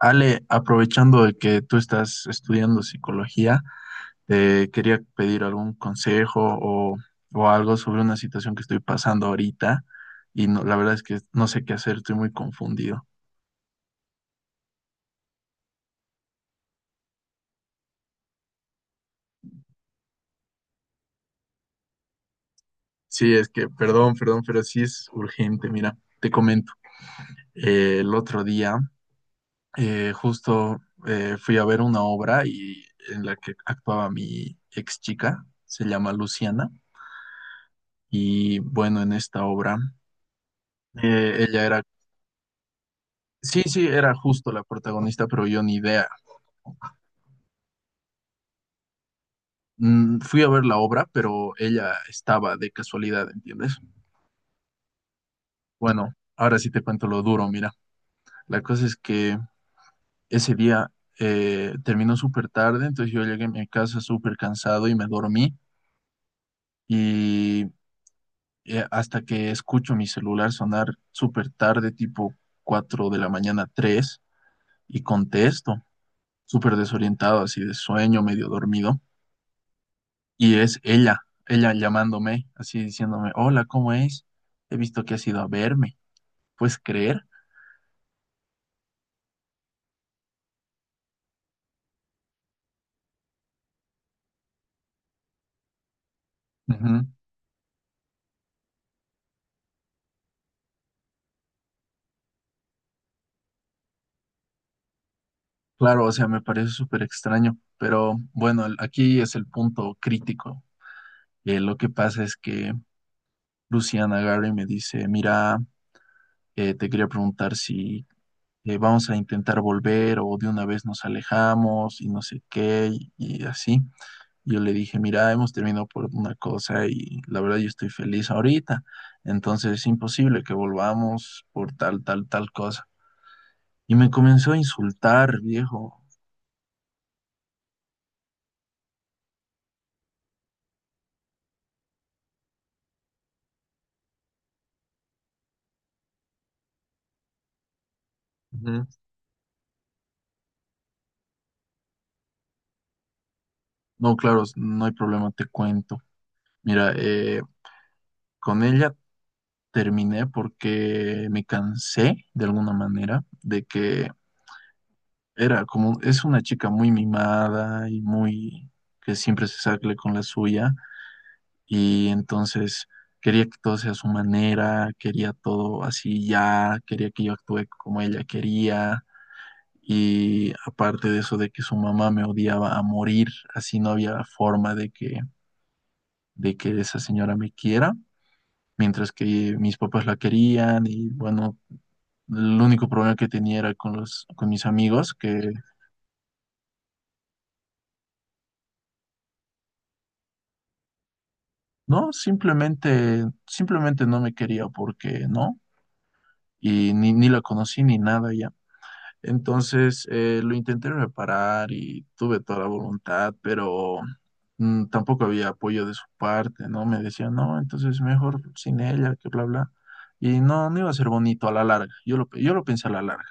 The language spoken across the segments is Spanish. Ale, aprovechando de que tú estás estudiando psicología, te quería pedir algún consejo o algo sobre una situación que estoy pasando ahorita y no, la verdad es que no sé qué hacer, estoy muy confundido. Sí, es que, perdón, pero sí es urgente. Mira, te comento. El otro día, justo, fui a ver una obra y en la que actuaba mi ex chica, se llama Luciana, y bueno, en esta obra, ella era sí, sí, era justo la protagonista, pero yo ni idea. Fui a ver la obra, pero ella estaba de casualidad, ¿entiendes? Bueno, ahora sí te cuento lo duro, mira. La cosa es que ese día terminó súper tarde, entonces yo llegué a mi casa súper cansado y me dormí. Y hasta que escucho mi celular sonar súper tarde, tipo 4 de la mañana, tres, y contesto, súper desorientado, así de sueño, medio dormido. Y es ella, ella llamándome, así diciéndome, hola, ¿cómo es? He visto que has ido a verme, ¿puedes creer? Ujú. Claro, o sea, me parece súper extraño, pero bueno, aquí es el punto crítico. Lo que pasa es que Luciana Gary me dice, mira, te quería preguntar si vamos a intentar volver o de una vez nos alejamos y no sé qué y así. Yo le dije, mira, hemos terminado por una cosa y la verdad yo estoy feliz ahorita, entonces es imposible que volvamos por tal, tal, tal cosa. Y me comenzó a insultar, viejo. Ujú. No, claro, no hay problema, te cuento. Mira, con ella terminé porque me cansé de alguna manera de que era como, es una chica muy mimada y muy que siempre se sale con la suya. Y entonces quería que todo sea a su manera, quería todo así ya, quería que yo actúe como ella quería, y aparte de eso de que su mamá me odiaba a morir, así no había forma de que esa señora me quiera, mientras que mis papás la querían, y bueno, el único problema que tenía era con con mis amigos que no, simplemente no me quería porque no, y ni la conocí ni nada ya. Entonces lo intenté reparar y tuve toda la voluntad, pero tampoco había apoyo de su parte, ¿no? Me decían, no, entonces mejor sin ella, que bla, bla. Y no, no iba a ser bonito a la larga. Yo lo pensé a la larga.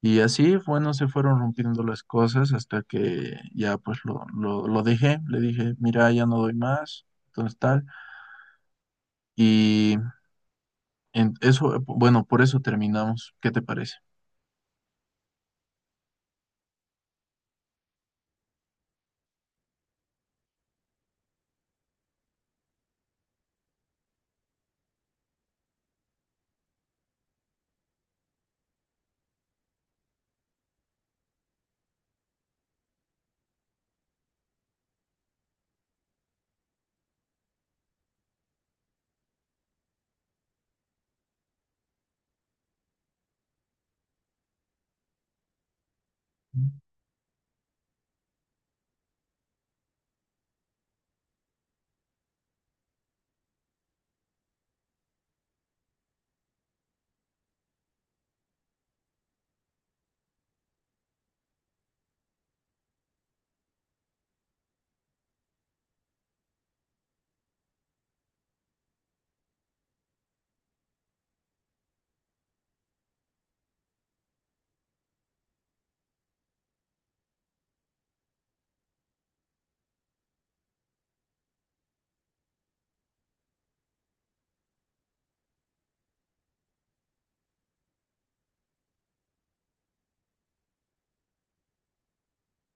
Y así, bueno, se fueron rompiendo las cosas hasta que ya pues lo dejé. Le dije, mira, ya no doy más, entonces tal. Y en eso, bueno, por eso terminamos. ¿Qué te parece?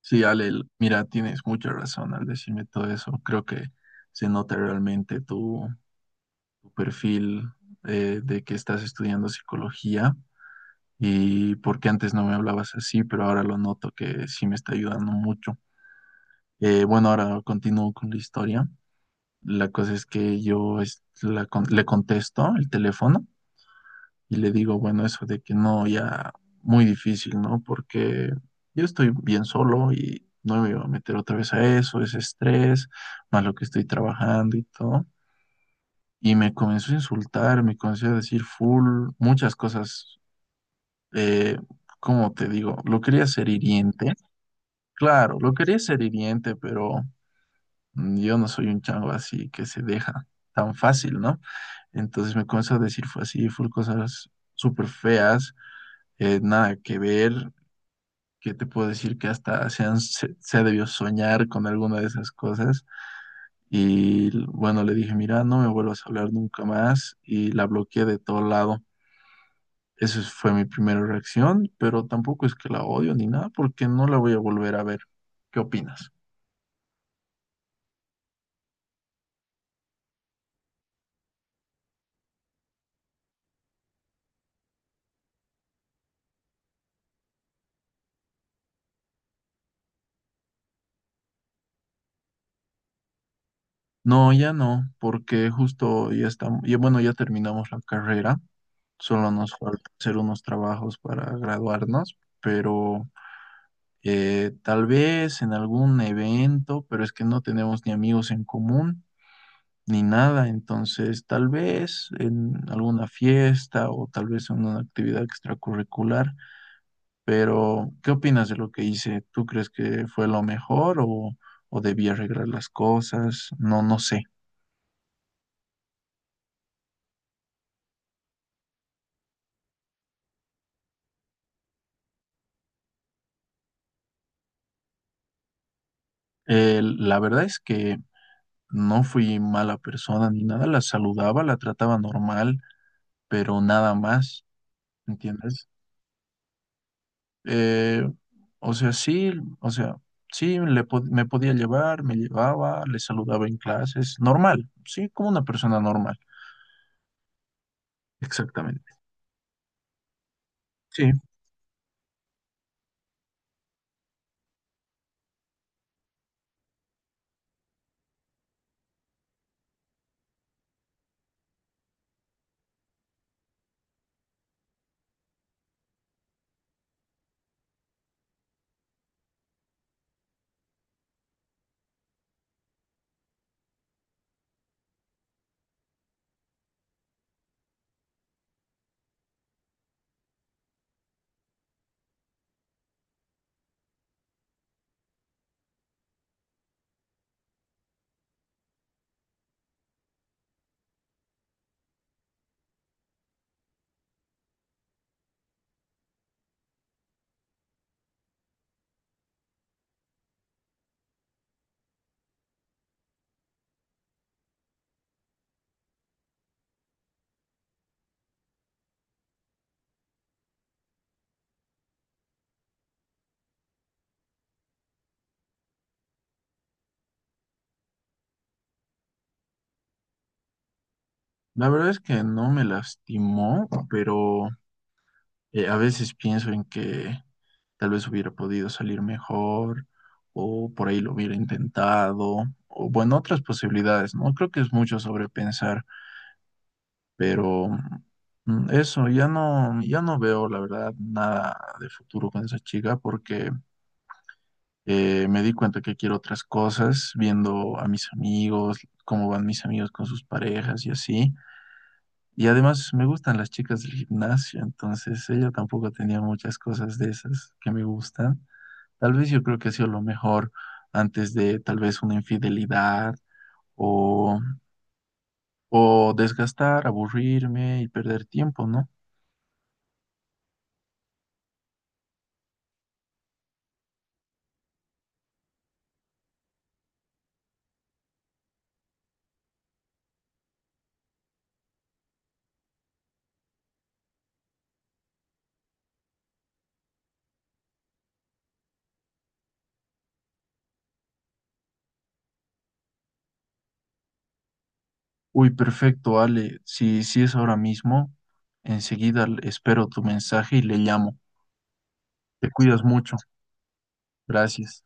Sí, Ale, mira, tienes mucha razón al decirme todo eso. Creo que se nota realmente tu perfil, de que estás estudiando psicología, y porque antes no me hablabas así, pero ahora lo noto que sí me está ayudando mucho. Bueno, ahora continúo con la historia. La cosa es que yo le contesto el teléfono y le digo, bueno, eso de que no, ya muy difícil, ¿no? Porque yo estoy bien solo y no me voy a meter otra vez a eso, ese estrés, más lo que estoy trabajando y todo. Y me comenzó a insultar, me comenzó a decir full, muchas cosas, eh, ¿cómo te digo? Lo quería ser hiriente, claro, lo quería ser hiriente, pero yo no soy un chango así que se deja tan fácil, ¿no? Entonces me comenzó a decir así full cosas súper feas, nada que ver, que te puedo decir que hasta se ha debido soñar con alguna de esas cosas. Y bueno, le dije, mira, no me vuelvas a hablar nunca más, y la bloqueé de todo lado. Esa fue mi primera reacción, pero tampoco es que la odio ni nada, porque no la voy a volver a ver. ¿Qué opinas? No, ya no, porque justo ya estamos, ya, bueno, ya terminamos la carrera, solo nos falta hacer unos trabajos para graduarnos, pero tal vez en algún evento, pero es que no tenemos ni amigos en común ni nada, entonces tal vez en alguna fiesta o tal vez en una actividad extracurricular, pero ¿qué opinas de lo que hice? ¿Tú crees que fue lo mejor, o debí arreglar las cosas? No, no sé. La verdad es que no fui mala persona ni nada, la saludaba, la trataba normal, pero nada más, ¿entiendes? Eh, o sea, sí, o sea, sí, le po me podía llevar, me llevaba, le saludaba en clases, normal, sí, como una persona normal, exactamente. Sí, la verdad es que no me lastimó, pero a veces pienso en que tal vez hubiera podido salir mejor, o por ahí lo hubiera intentado, o bueno, otras posibilidades, ¿no? Creo que es mucho sobrepensar. Pero eso, ya no, ya no veo, la verdad, nada de futuro con esa chica porque me di cuenta que quiero otras cosas, viendo a mis amigos, cómo van mis amigos con sus parejas y así. Y además me gustan las chicas del gimnasio, entonces ella tampoco tenía muchas cosas de esas que me gustan. Tal vez yo creo que ha sido lo mejor antes de tal vez una infidelidad o, o desgastar, aburrirme y perder tiempo, ¿no? Uy, perfecto, Ale. Si es ahora mismo, enseguida espero tu mensaje y le llamo. Te cuidas mucho. Gracias.